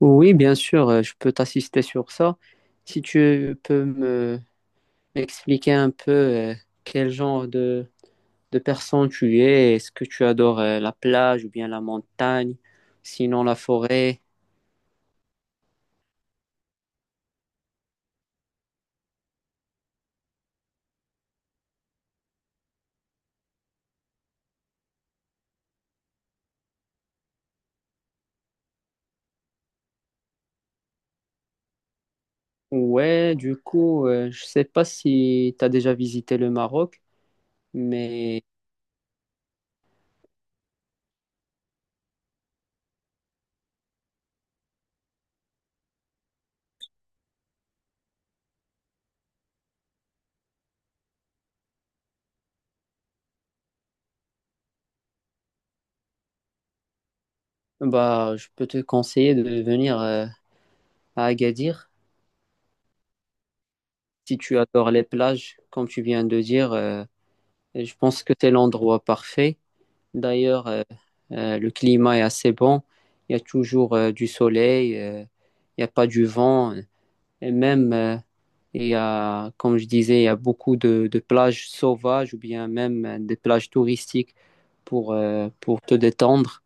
Oui, bien sûr, je peux t'assister sur ça. Si tu peux me m'expliquer un peu quel genre de personne tu es, est-ce que tu adores la plage ou bien la montagne, sinon la forêt? Ouais, du coup, je sais pas si tu as déjà visité le Maroc, mais je peux te conseiller de venir à Agadir. Si tu adores les plages, comme tu viens de dire, je pense que c'est l'endroit parfait. D'ailleurs, le climat est assez bon. Il y a toujours du soleil, il n'y a pas du vent. Et même, il y a, comme je disais, il y a beaucoup de plages sauvages ou bien même des plages touristiques pour te détendre.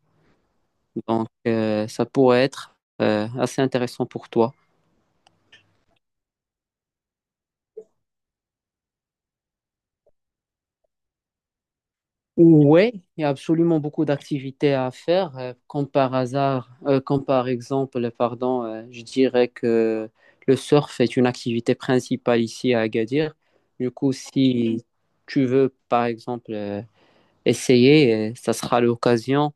Donc, ça pourrait être assez intéressant pour toi. Oui, il y a absolument beaucoup d'activités à faire. Comme par hasard, comme par exemple, pardon, je dirais que le surf est une activité principale ici à Agadir. Du coup, si tu veux, par exemple, essayer, ça sera l'occasion.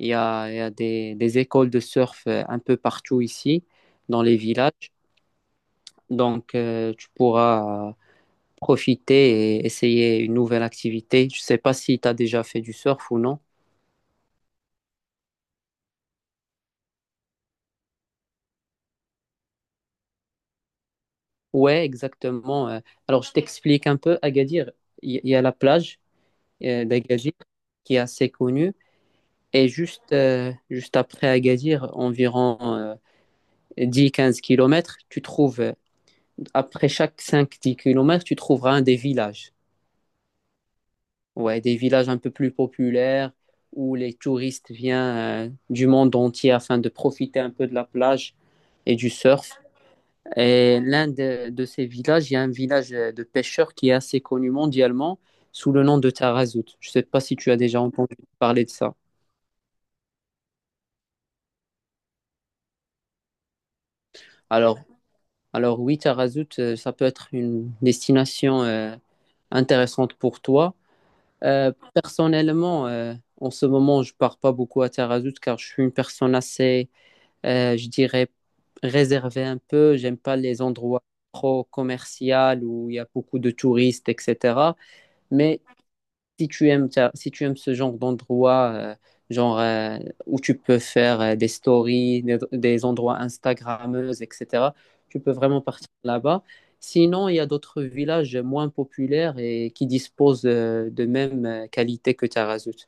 Il y a des écoles de surf un peu partout ici, dans les villages. Donc, tu pourras profiter et essayer une nouvelle activité. Je ne sais pas si tu as déjà fait du surf ou non. Ouais, exactement. Alors, je t'explique un peu. Agadir, il y a la plage d'Agadir qui est assez connue. Et juste, juste après Agadir, environ 10-15 kilomètres, tu trouves, après chaque 5-10 kilomètres, tu trouveras un des villages. Ouais, des villages un peu plus populaires où les touristes viennent du monde entier afin de profiter un peu de la plage et du surf. Et l'un de ces villages, il y a un village de pêcheurs qui est assez connu mondialement sous le nom de Tarazout. Je ne sais pas si tu as déjà entendu parler de ça. Alors, alors oui, Tarazout, ça peut être une destination intéressante pour toi. Personnellement, en ce moment, je pars pas beaucoup à Tarazout car je suis une personne assez, je dirais, réservée un peu. J'aime pas les endroits trop commerciaux où il y a beaucoup de touristes, etc. Mais si tu aimes, si tu aimes ce genre d'endroit, genre euh, où tu peux faire des stories, des endroits Instagrammeuses, etc., tu peux vraiment partir là-bas. Sinon, il y a d'autres villages moins populaires et qui disposent de même qualité que Tarazout.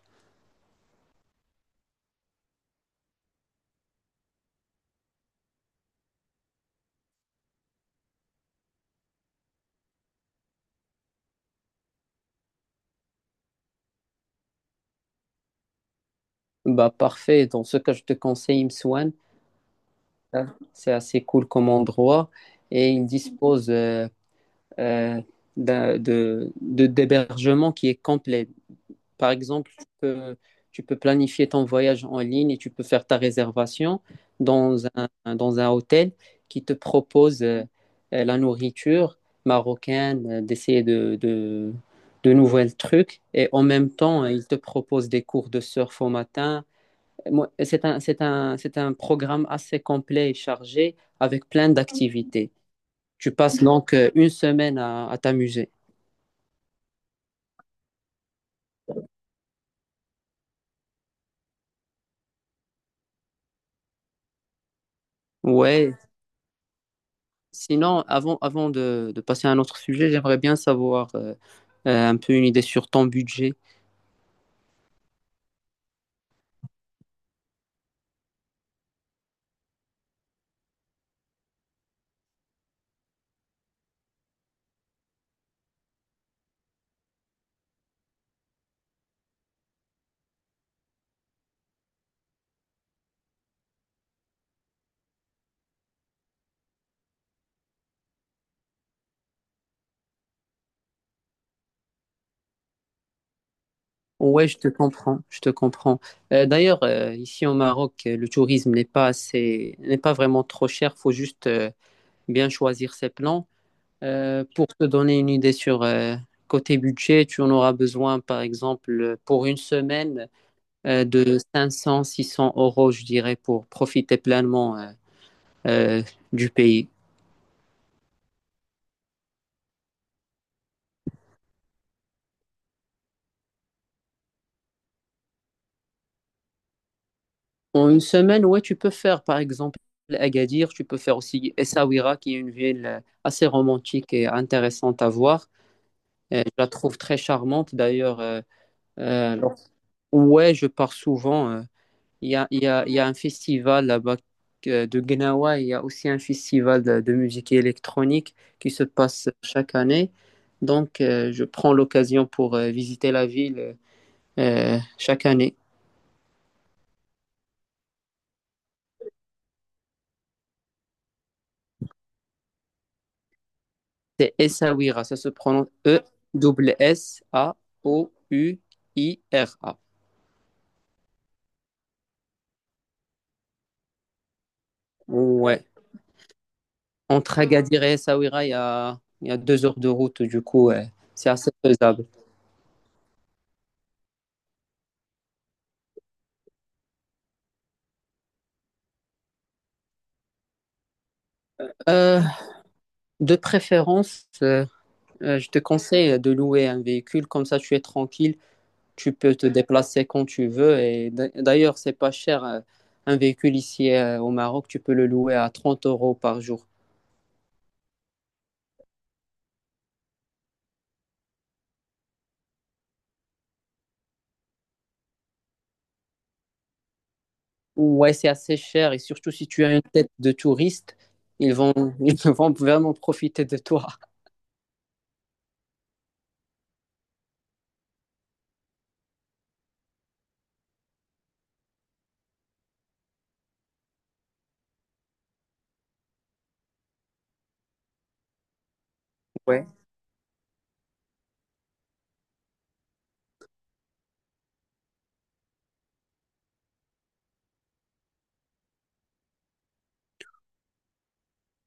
Bah parfait. Dans ce cas, je te conseille Imsouane. Hein, c'est assez cool comme endroit et il dispose euh, de, d'hébergement qui est complet. Par exemple, tu peux planifier ton voyage en ligne et tu peux faire ta réservation dans dans un hôtel qui te propose la nourriture marocaine, d'essayer de nouvelles trucs. Et en même temps, ils te proposent des cours de surf au matin. Moi, c'est un programme assez complet et chargé avec plein d'activités. Tu passes donc une semaine à t'amuser. Ouais, sinon, avant de passer à un autre sujet, j'aimerais bien savoir un peu une idée sur ton budget. Je te comprends. D'ailleurs, ici au Maroc, le tourisme n'est pas vraiment trop cher. Faut juste bien choisir ses plans. Pour te donner une idée sur côté budget, tu en auras besoin, par exemple, pour une semaine de 500, 600 euros, je dirais, pour profiter pleinement euh, du pays. En une semaine, ouais, tu peux faire par exemple Agadir, tu peux faire aussi Essaouira, qui est une ville assez romantique et intéressante à voir. Et je la trouve très charmante d'ailleurs. Euh, lors- ouais, je pars souvent. Il y a un festival là-bas de Gnawa, il y a aussi un festival de musique électronique qui se passe chaque année. Donc, je prends l'occasion pour visiter la ville chaque année. C'est Essaouira. Ça se prononce Essaouira. Ouais. Entre Agadir et Essaouira, il y a 2 heures de route. Du coup, ouais, c'est assez faisable. Euh, de préférence, je te conseille de louer un véhicule. Comme ça, tu es tranquille. Tu peux te déplacer quand tu veux. Et d'ailleurs, c'est pas cher. Un véhicule ici au Maroc, tu peux le louer à 30 euros par jour. Ouais, c'est assez cher et surtout si tu as une tête de touriste, ils vont, ils vont vraiment profiter de toi. Ouais.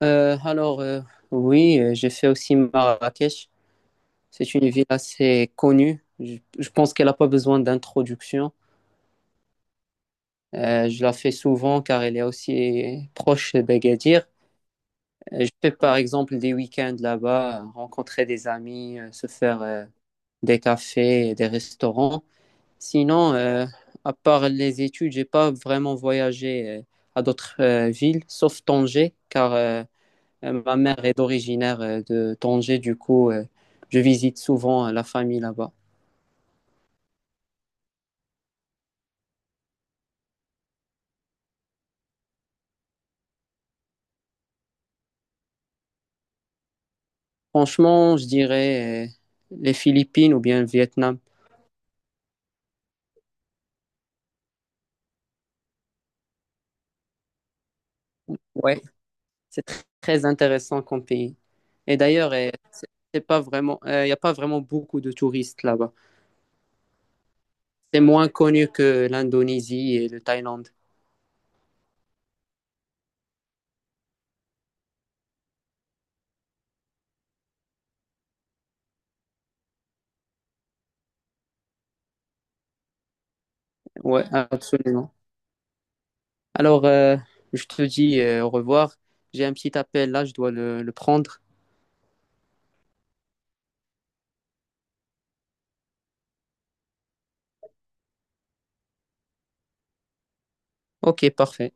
Euh, alors, euh, oui, j'ai fait aussi Marrakech. C'est une ville assez connue. Je pense qu'elle n'a pas besoin d'introduction. Je la fais souvent car elle est aussi proche d'Agadir. Je fais par exemple des week-ends là-bas, rencontrer des amis, se faire des cafés et des restaurants. Sinon, à part les études, j'ai pas vraiment voyagé à d'autres villes, sauf Tanger, car ma mère est originaire de Tanger, du coup, je visite souvent la famille là-bas. Franchement, je dirais les Philippines ou bien le Vietnam. Ouais, très intéressant comme pays. Et d'ailleurs, c'est pas vraiment, il n'y a pas vraiment beaucoup de touristes là-bas. C'est moins connu que l'Indonésie et le Thaïlande. Ouais, absolument. Alors, je te dis au revoir. J'ai un petit appel là, je dois le prendre. Ok, parfait.